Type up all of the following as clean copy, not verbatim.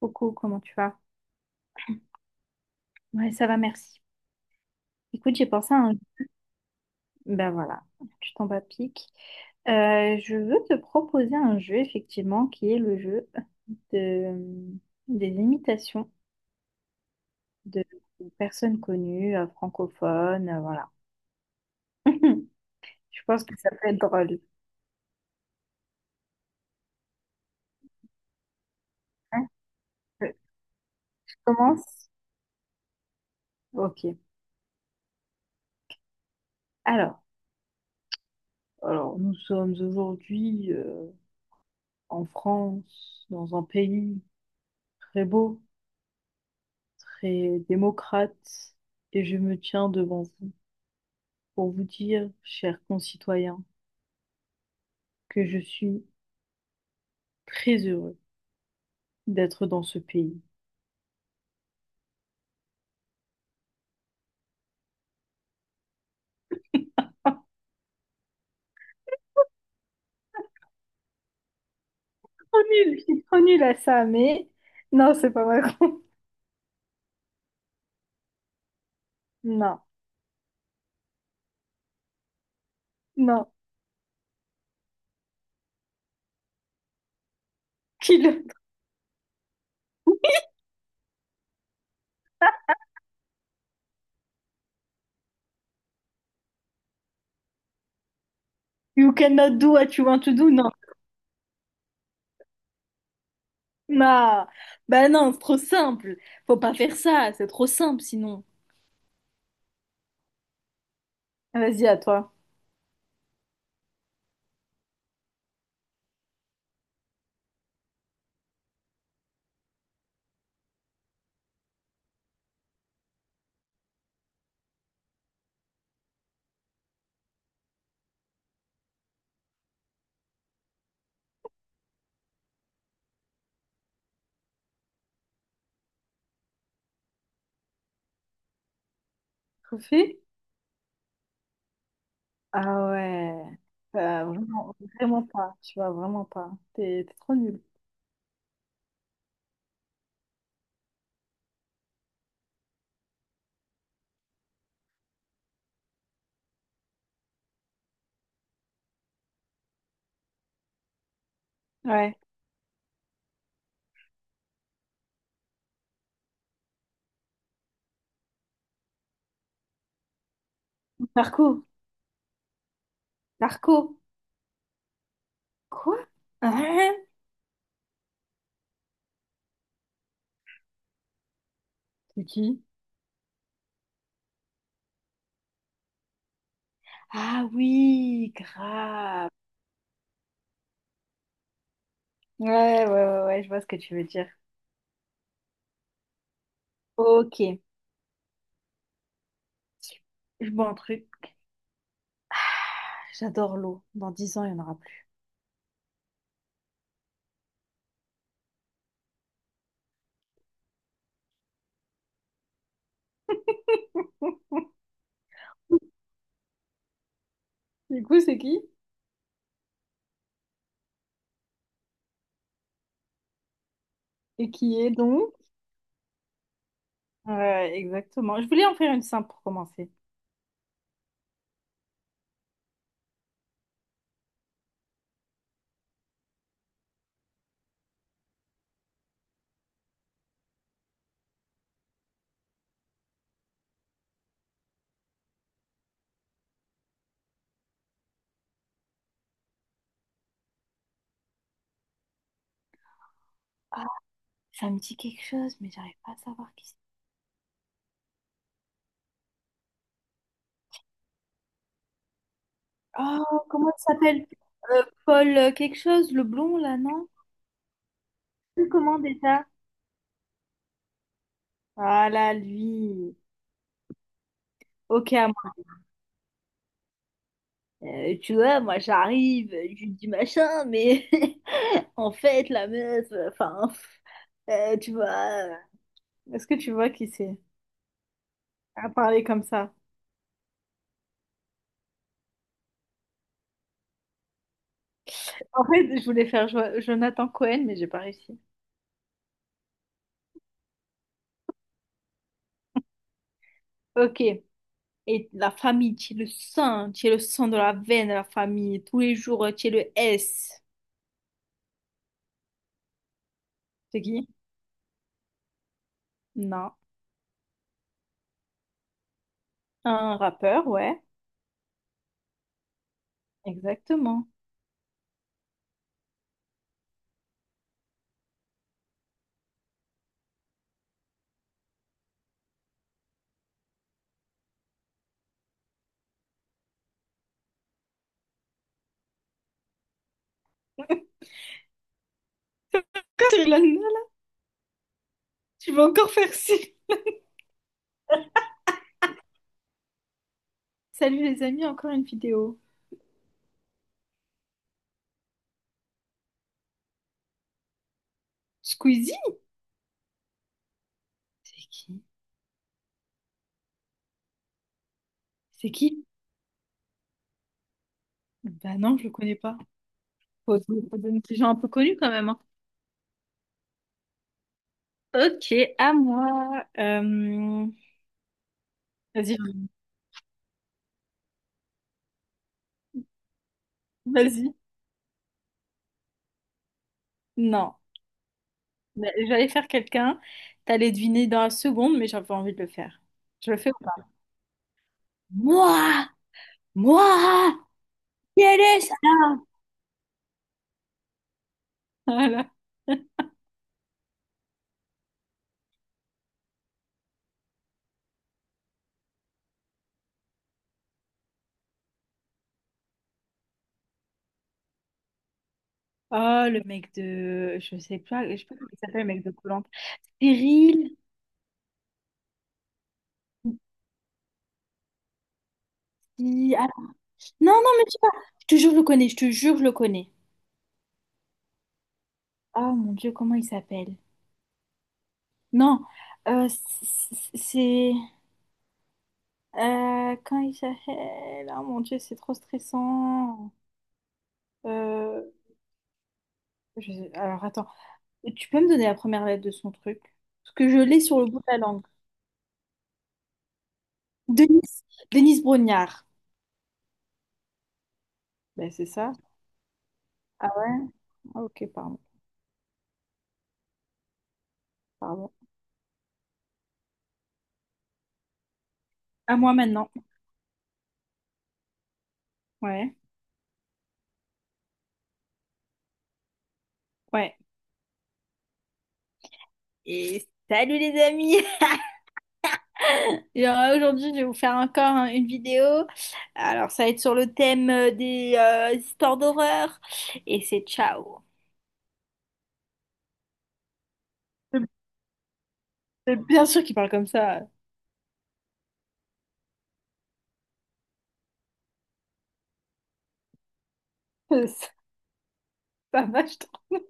Coucou, comment tu vas? Ouais, ça va, merci. Écoute, j'ai pensé à un ben voilà. Tu tombes à pic. Je veux te proposer un jeu, effectivement, qui est le jeu de, des imitations de personnes connues, francophones, voilà. Je pense que ça peut être drôle. Hein, je commence? Ok. Alors, alors, nous sommes aujourd'hui en France, dans un pays très beau, très démocrate, et je me tiens devant vous pour vous dire, chers concitoyens, que je suis très heureux d'être dans ce pays. Ah, trop nul, je suis trop nulle à ça, mais non, c'est pas vrai. Non, non. Kill. You cannot do what you want to do, non. Non, bah non, c'est trop simple. Faut pas faire ça, c'est trop simple sinon. Vas-y, à toi. Trophée? Ah ouais. Vraiment, vraiment pas, tu vois, vraiment pas. T'es trop nul. Ouais. Marco. Marco. Quoi? Hein, c'est qui? Ah oui, grave. Ouais, ouais, ouais, ouais, je vois ce que tu veux dire. Ok, je bois un truc. J'adore l'eau. Dans 10 ans, il n'y en aura plus. Du coup, c'est qui? Et qui est donc? Ouais, exactement. Je voulais en faire une simple pour commencer. Ah, ça me dit quelque chose, mais j'arrive pas à savoir qui c'est. Oh, comment il s'appelle? Paul quelque chose, le blond là, non? Je sais comment déjà? Voilà, lui. Ok. Tu vois, moi j'arrive, je dis machin, mais en fait, la meuf, enfin, tu vois, euh, est-ce que tu vois qui c'est à parler comme ça? En fait, je voulais faire Jonathan Cohen, mais j'ai pas réussi. Ok. Et la famille, tu es le sang, tu es le sang de la veine de la famille. Tous les jours, tu es le S. C'est qui? Non. Un rappeur, ouais. Exactement. Cyril Hanouna, là, tu vas encore faire ci. Salut les amis, encore une vidéo. Squeezie? C'est qui? Bah non, je le connais pas. Faut, faut donner des gens un peu connus quand même, hein. Ok, à moi. Vas-y, vas-y. Non, mais j'allais faire quelqu'un. T'allais deviner dans la seconde, mais j'avais pas envie de le faire. Je le fais ou pas? Moi! Moi! Quel est ça? Voilà. Oh, le mec de... je sais pas, je sais pas comment il s'appelle, le mec de Koh-Lanta. Cyril? Ah, non, non, mais je sais pas. Je te jure, je le connais. Je te jure, je le connais. Oh mon Dieu, comment il s'appelle? Non, euh, c- c'est... quand il s'appelle... Ah mon Dieu, c'est trop stressant. Euh, Alors attends, tu peux me donner la première lettre de son truc? Parce que je l'ai sur le bout de la langue. Denise, Denise Brognard. Ben c'est ça. Ah ouais? Ah, ok, pardon. Pardon. À moi maintenant. Ouais, ouais. Et salut les amis! Alors, aujourd'hui, je vais vous faire encore, hein, une vidéo. Alors, ça va être sur le thème des histoires d'horreur. Et c'est ciao! C'est c'est bien sûr qu'il parle comme ça. Euh, Ça ça va, je trouve.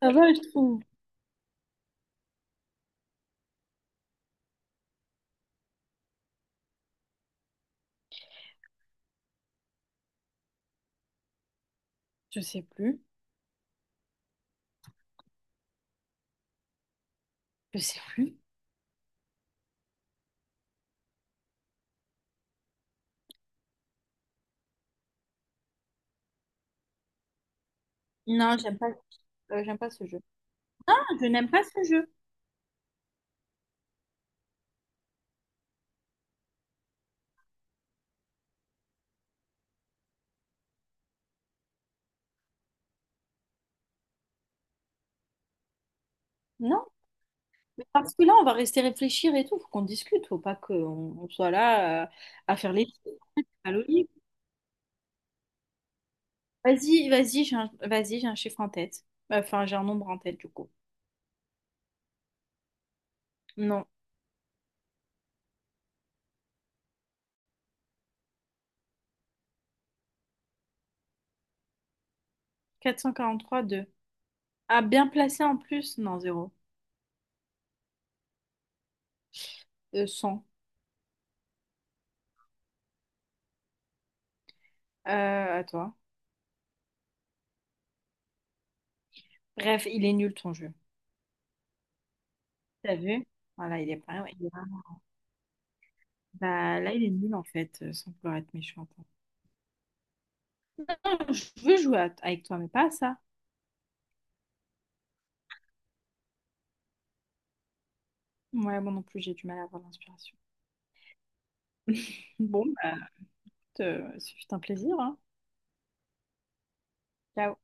Ça va, je trouve. Je sais plus. Je sais plus. Non, j'aime pas ce jeu. Non, je n'aime pas ce jeu. Non, mais parce que là, on va rester réfléchir et tout. Faut qu'on discute. Faut pas qu'on on soit là à faire les à l'olive. Vas-y, vas-y, j'ai un chiffre en tête. Enfin, j'ai un nombre en tête, du coup. Non. 443 deux. Ah, bien placé en plus. Non, 0. 100. À toi. Bref, il est nul ton jeu. T'as vu? Voilà, il est pas. Ouais, il est là. Bah, là, il est nul en fait, sans vouloir être méchante. Non, je veux jouer avec toi, mais pas à ça. Ouais, moi non plus, j'ai du mal à avoir l'inspiration. Bon, bah, écoute, ce fut un plaisir, hein. Ciao.